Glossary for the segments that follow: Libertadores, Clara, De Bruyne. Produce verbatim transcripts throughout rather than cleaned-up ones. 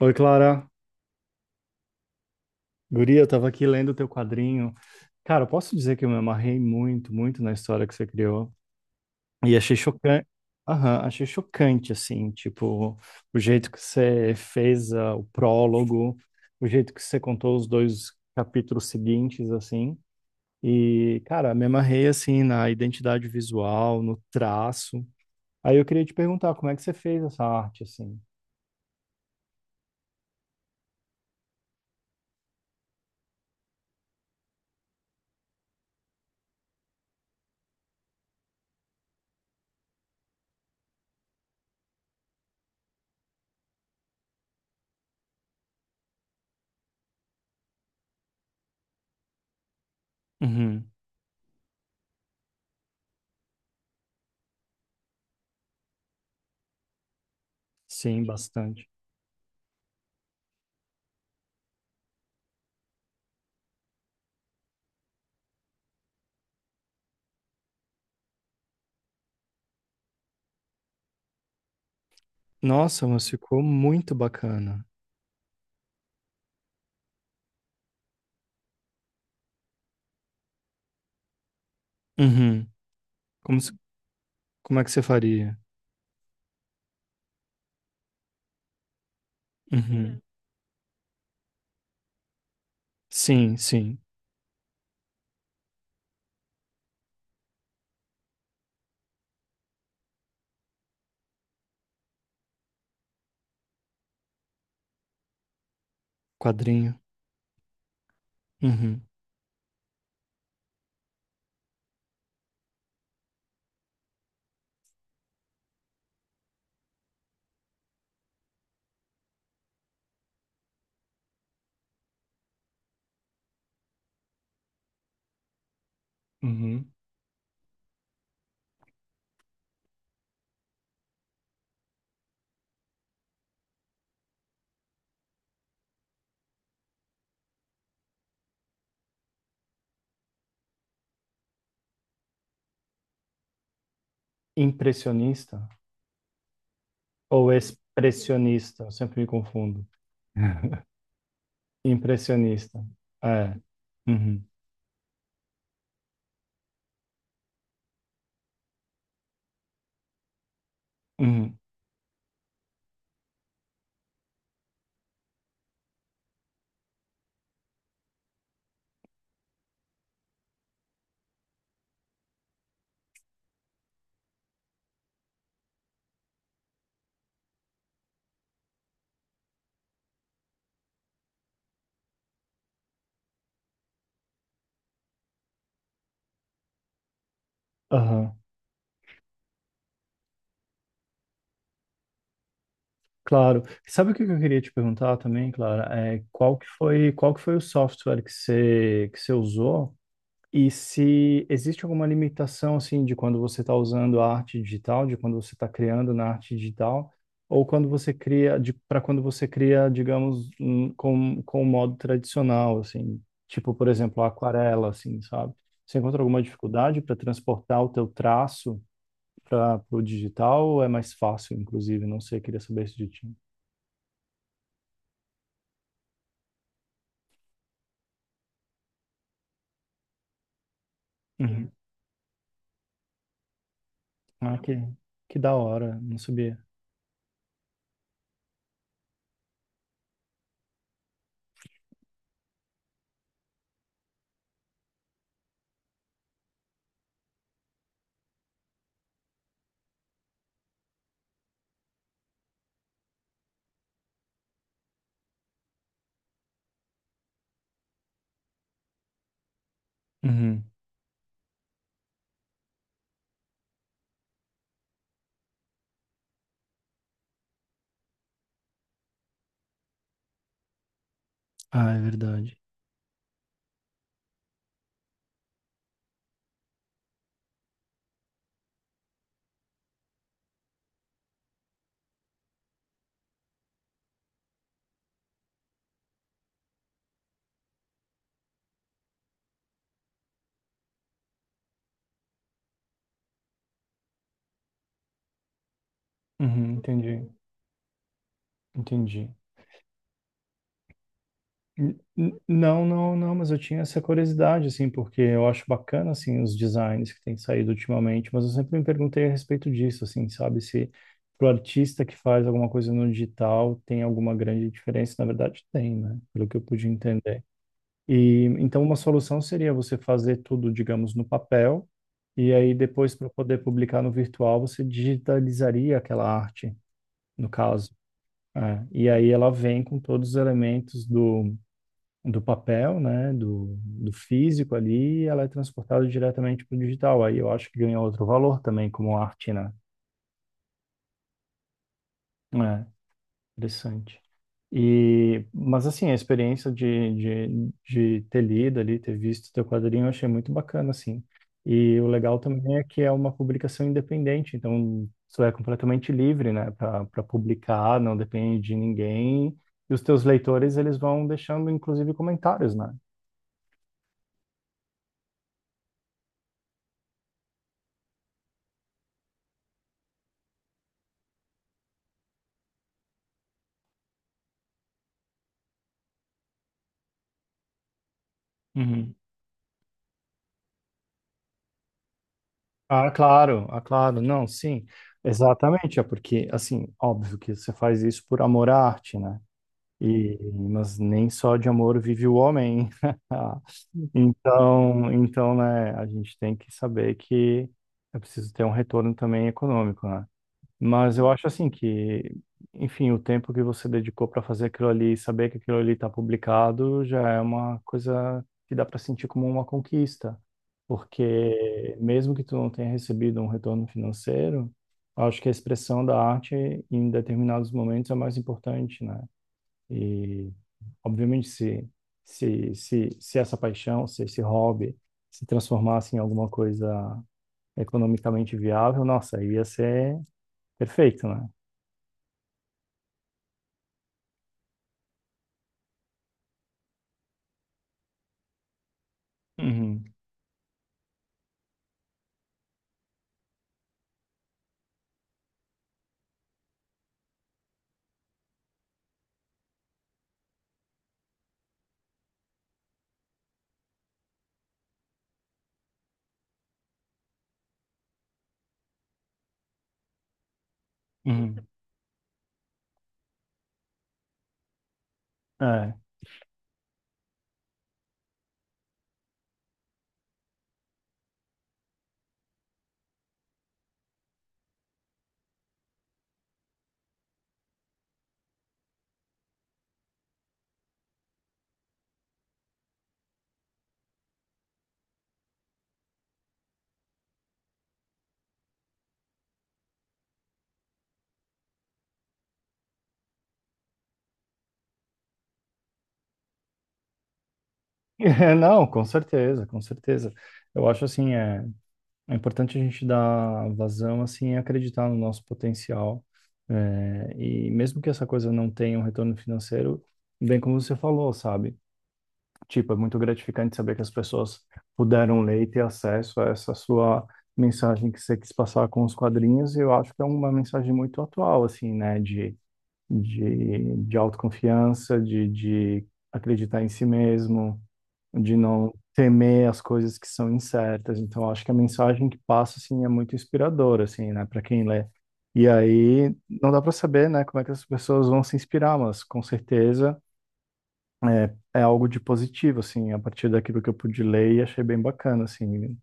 Oi, Clara. Guria, eu tava aqui lendo o teu quadrinho. Cara, eu posso dizer que eu me amarrei muito, muito na história que você criou. E achei chocante. Aham, achei chocante, assim, tipo, o jeito que você fez ah, o prólogo, o jeito que você contou os dois capítulos seguintes, assim. E, cara, me amarrei, assim, na identidade visual, no traço. Aí eu queria te perguntar, como é que você fez essa arte, assim? Uhum. Sim, bastante. Nossa, mas ficou muito bacana. Uhum. Como, se- como é que você faria? Uhum. Uhum. Sim, sim. Quadrinho. Uhum. Uhum. Impressionista ou expressionista? Eu sempre me confundo. Impressionista. É. Uhum. Uhum. Aham. Claro. Sabe o que eu queria te perguntar também, Clara? É, qual que foi, qual que foi o software que você, que você usou? E se existe alguma limitação, assim, de quando você está usando a arte digital, de quando você está criando na arte digital, ou quando você cria, para quando você cria, digamos, um- com, com o modo tradicional, assim, tipo, por exemplo, a aquarela, assim, sabe? Você encontra alguma dificuldade para transportar o teu traço para o digital, ou é mais fácil, inclusive? Não sei, queria saber isso de ti. Uhum. Ah, que, que da hora, não sabia. Uhum. Ah, é verdade. Uhum, entendi, entendi. N- n- Não, não, não, mas eu tinha essa curiosidade, assim, porque eu acho bacana, assim, os designs que têm saído ultimamente, mas eu sempre me perguntei a respeito disso, assim, sabe, se pro artista que faz alguma coisa no digital tem alguma grande diferença, na verdade tem, né, pelo que eu pude entender. E, então, uma solução seria você fazer tudo, digamos, no papel, e aí depois, para poder publicar no virtual, você digitalizaria aquela arte, no caso. É, e aí ela vem com todos os elementos do do papel, né, do, do físico ali, e ela é transportada diretamente para o digital. Aí eu acho que ganha outro valor também como arte, né? É, interessante. E, mas assim, a experiência de, de, de ter lido ali, ter visto teu quadrinho, eu achei muito bacana, assim. E o legal também é que é uma publicação independente, então tu é completamente livre, né, para publicar, não depende de ninguém. E os teus leitores, eles vão deixando, inclusive, comentários, né? Uhum. Ah, claro, ah, claro, não, sim, exatamente, é porque, assim, óbvio que você faz isso por amor à arte, né? E, mas nem só de amor vive o homem. Então, então, né, a gente tem que saber que é preciso ter um retorno também econômico, né? Mas eu acho assim que, enfim, o tempo que você dedicou para fazer aquilo ali, e saber que aquilo ali está publicado, já é uma coisa que dá para sentir como uma conquista, porque mesmo que tu não tenha recebido um retorno financeiro, eu acho que a expressão da arte em determinados momentos é mais importante, né? E obviamente se se se, se essa paixão, se esse hobby se transformasse em alguma coisa economicamente viável, nossa, ia ser perfeito, né? Uhum, uhum. É. Não, com certeza, com certeza. Eu acho assim, é, é importante a gente dar vazão, assim, e acreditar no nosso potencial. É, e mesmo que essa coisa não tenha um retorno financeiro, bem como você falou, sabe? Tipo, é muito gratificante saber que as pessoas puderam ler e ter acesso a essa sua mensagem que você quis passar com os quadrinhos, e eu acho que é uma mensagem muito atual, assim, né? De de, de autoconfiança, de, de acreditar em si mesmo, de não temer as coisas que são incertas. Então, eu acho que a mensagem que passa, assim, é muito inspiradora, assim, né, para quem lê. E aí, não dá para saber, né, como é que as pessoas vão se inspirar, mas com certeza é, é algo de positivo, assim, a partir daquilo que eu pude ler e achei bem bacana, assim.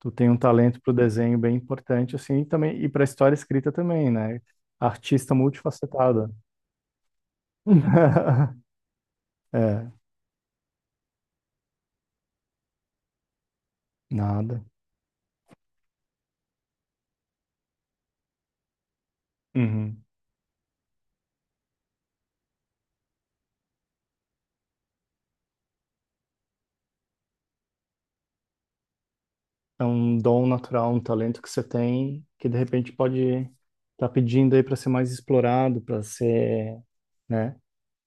Tu tem um talento para o desenho bem importante, assim, e também, e para a história escrita também, né? Artista multifacetada. É, nada. Uhum. É um dom natural, um talento que você tem, que de repente pode estar pedindo aí para ser mais explorado, para ser, né,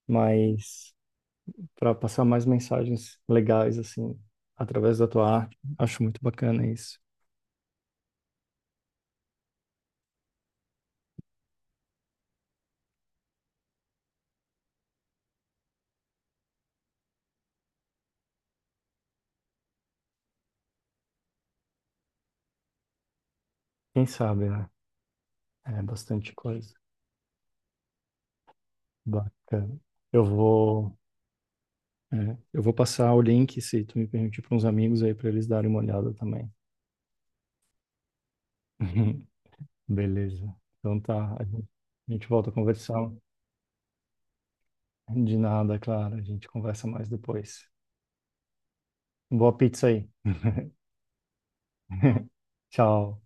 mais, para passar mais mensagens legais, assim, através da tua arte. Acho muito bacana isso. Quem sabe, né? É bastante coisa. Bacana. Eu vou, é, eu vou passar o link, se tu me permitir, para uns amigos aí, para eles darem uma olhada também. Beleza. Então tá, a gente a gente volta a conversar. De nada, claro. A gente conversa mais depois. Boa pizza aí. Tchau.